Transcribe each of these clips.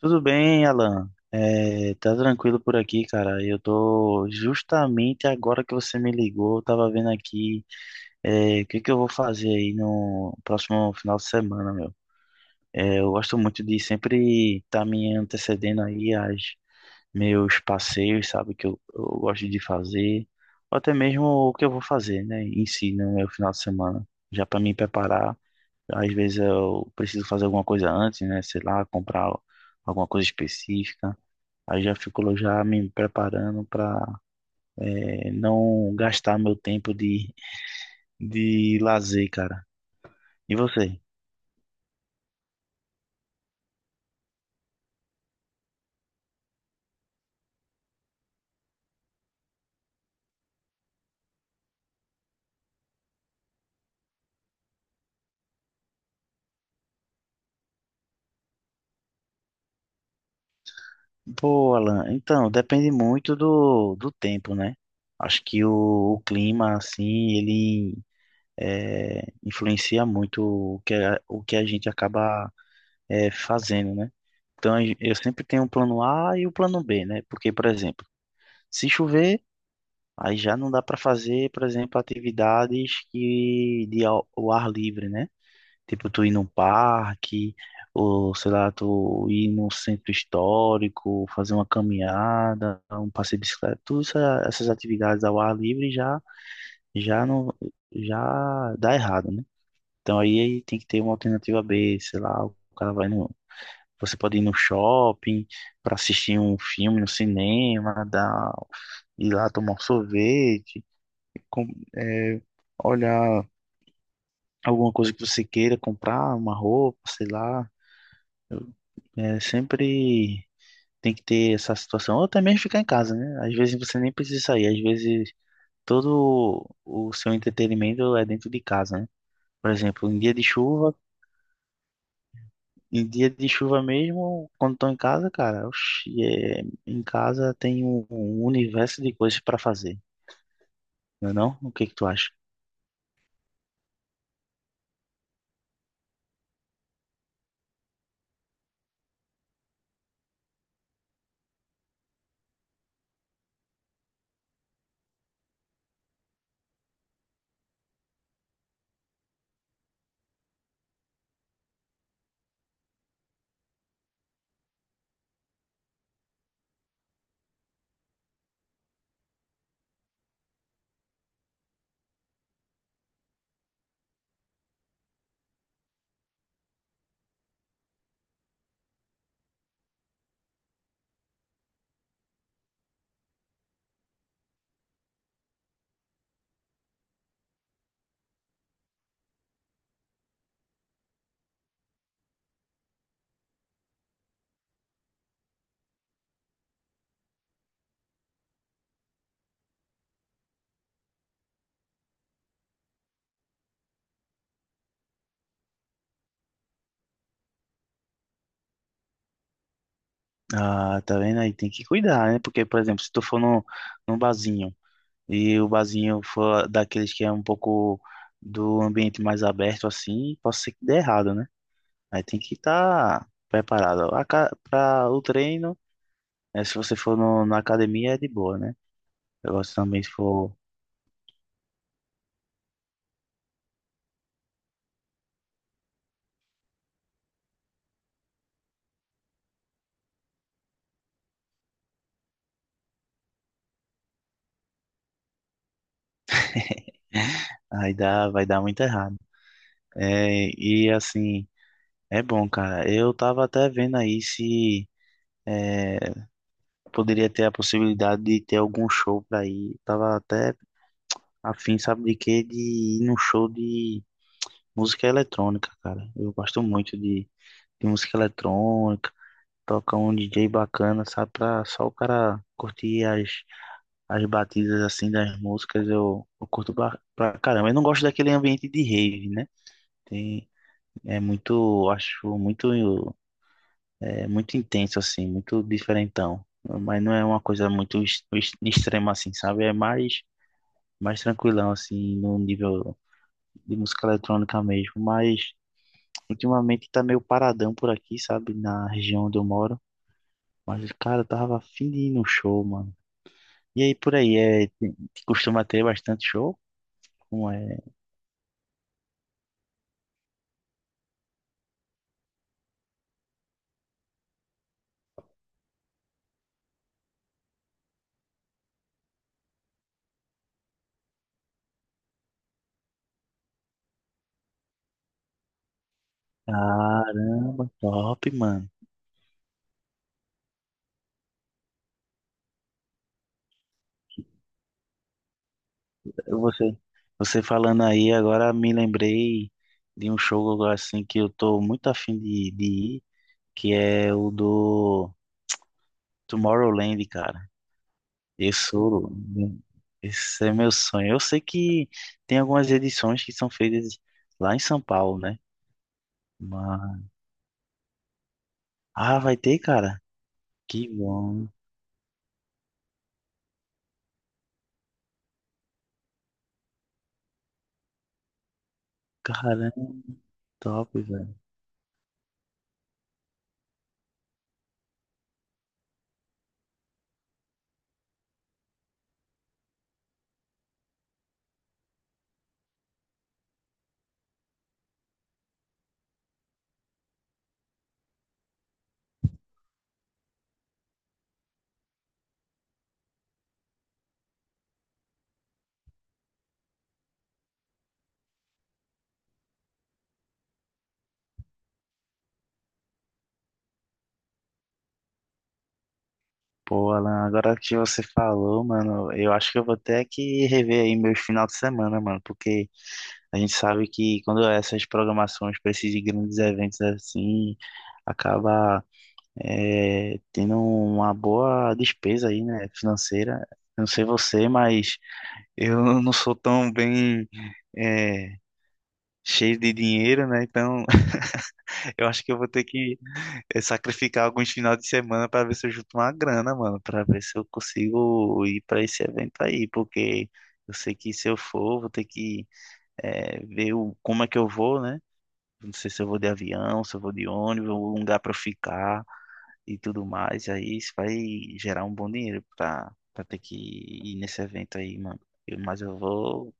Tudo bem, Alan? Tá tranquilo por aqui, cara. Eu tô justamente agora que você me ligou, eu tava vendo aqui o que que eu vou fazer aí no próximo final de semana, meu. Eu gosto muito de sempre estar tá me antecedendo aí aos meus passeios, sabe, que eu gosto de fazer, ou até mesmo o que eu vou fazer, né, em si, no meu final de semana, já para me preparar. Às vezes eu preciso fazer alguma coisa antes, né, sei lá, comprar alguma coisa específica. Aí já fico já me preparando para não gastar meu tempo de lazer, cara. E você? Pô, Alan, então, depende muito do tempo, né? Acho que o clima, assim, ele influencia muito o que, o que a gente acaba fazendo, né? Então, eu sempre tenho um plano A e o plano B, né? Porque, por exemplo, se chover, aí já não dá para fazer, por exemplo, atividades que de ao ar livre, né? Tipo, tu ir num parque, ou sei lá, tu ir num centro histórico, fazer uma caminhada, um passeio de bicicleta, todas essas atividades ao ar livre já já não já dá errado, né? Então aí tem que ter uma alternativa B, sei lá, o cara vai no. Você pode ir no shopping para assistir um filme no cinema, ir lá tomar um sorvete, com- é, olhar alguma coisa que você queira comprar, uma roupa, sei lá. Sempre tem que ter essa situação. Ou também ficar em casa, né? Às vezes você nem precisa sair. Às vezes todo o seu entretenimento é dentro de casa, né? Por exemplo, em dia de chuva, Em dia de chuva mesmo, quando estou em casa, cara, oxi, é, em casa tem um universo de coisas para fazer, não é não? O que que tu acha? Ah, tá vendo aí? Tem que cuidar, né? Porque, por exemplo, se tu for num barzinho e o barzinho for daqueles que é um pouco do ambiente mais aberto assim, pode ser que dê errado, né? Aí tem que estar preparado. Para o treino, né, se você for no, na academia, é de boa, né? Agora, se for, aí vai dar muito errado. E assim, é bom, cara. Eu tava até vendo aí se é, poderia ter a possibilidade de ter algum show pra ir. Tava até afim, sabe de quê? De ir num show de música eletrônica, cara. Eu gosto muito de música eletrônica. Toca um DJ bacana, sabe? Pra só o cara curtir as batidas assim das músicas. Eu curto pra caramba. Eu não gosto daquele ambiente de rave, né? Tem, é muito, acho muito, é muito intenso assim, muito diferentão. Mas não é uma coisa muito extrema assim, sabe? Mais tranquilão assim, no nível de música eletrônica mesmo. Mas ultimamente tá meio paradão por aqui, sabe? Na região onde eu moro. Mas, cara, eu tava afim de ir num show, mano. E aí, por aí, costuma ter bastante show? Como é? Caramba, top, mano. Você, você falando aí, agora me lembrei de um show assim que eu tô muito afim de ir, que é o do Tomorrowland, cara. Isso, esse é meu sonho. Eu sei que tem algumas edições que são feitas lá em São Paulo, né? Mano. Ah, vai ter, cara? Que bom. Caramba, top, velho. Pô, Alan, agora que você falou, mano, eu acho que eu vou ter que rever aí meus final de semana, mano, porque a gente sabe que quando essas programações precisam de grandes eventos assim, acaba tendo uma boa despesa aí, né, financeira. Eu não sei você, mas eu não sou tão bem é, cheio de dinheiro, né? Então eu acho que eu vou ter que sacrificar alguns finais de semana para ver se eu junto uma grana, mano, para ver se eu consigo ir para esse evento aí, porque eu sei que se eu for, vou ter que ver como é que eu vou, né? Não sei se eu vou de avião, se eu vou de ônibus, um lugar para eu ficar e tudo mais. Aí isso vai gerar um bom dinheiro para ter que ir nesse evento aí, mano. Mas eu vou.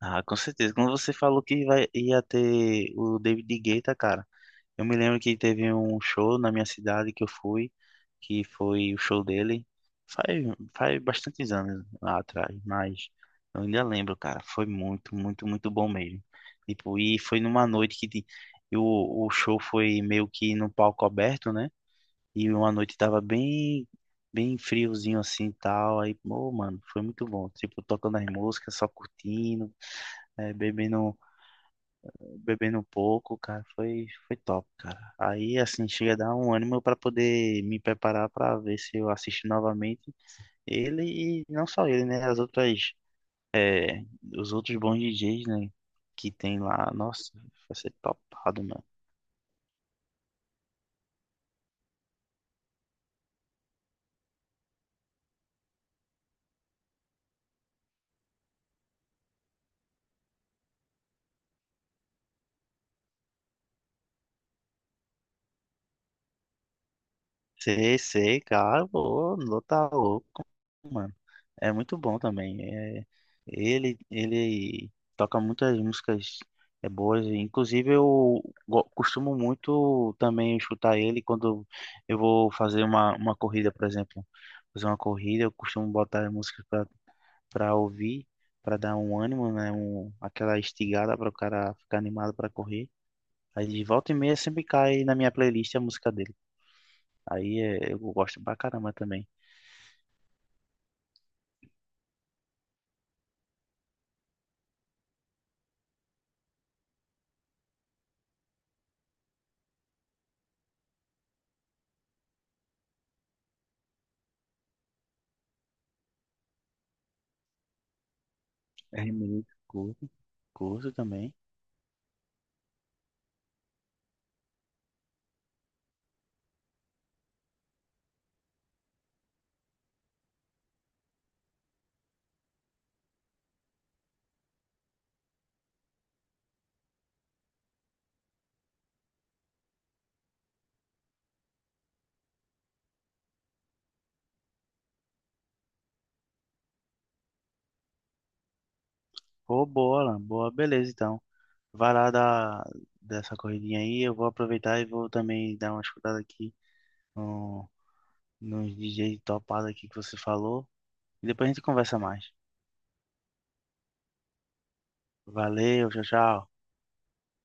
Ah, com certeza. Quando você falou que ia ter o David Guetta, cara. Eu me lembro que teve um show na minha cidade que eu fui, que foi o show dele faz, faz bastantes anos lá atrás, mas eu ainda lembro, cara, foi muito, muito, muito bom mesmo. Tipo, e foi numa noite e o, o show foi meio que num palco aberto, né? E uma noite tava bem friozinho assim e tal. Aí, pô, mano, foi muito bom. Tipo, tocando as músicas, só curtindo, eh, bebendo bebendo um pouco, cara, foi top, cara. Aí, assim, chega a dar um ânimo pra poder me preparar pra ver se eu assisto novamente ele e não só ele, né? É, os outros bons DJs, né? Que tem lá. Nossa, vai ser topado, mano. Sei, sei, cara, pô, não tá louco, mano. É muito bom também. É, ele toca muitas músicas boas. Inclusive, costumo muito também escutar ele quando eu vou fazer uma corrida, por exemplo. Fazer uma corrida, eu costumo botar músicas pra ouvir, pra dar um ânimo, né? Um, aquela estigada para o cara ficar animado pra correr. Aí de volta e meia sempre cai na minha playlist a música dele. Eu gosto pra caramba também. Hermeneuta, curto também. Pô, boa, Alan, boa, beleza então. Vai lá dar dessa corridinha aí, eu vou aproveitar e vou também dar uma escutada aqui no, nos DJ topado aqui que você falou. E depois a gente conversa mais. Valeu, tchau, tchau.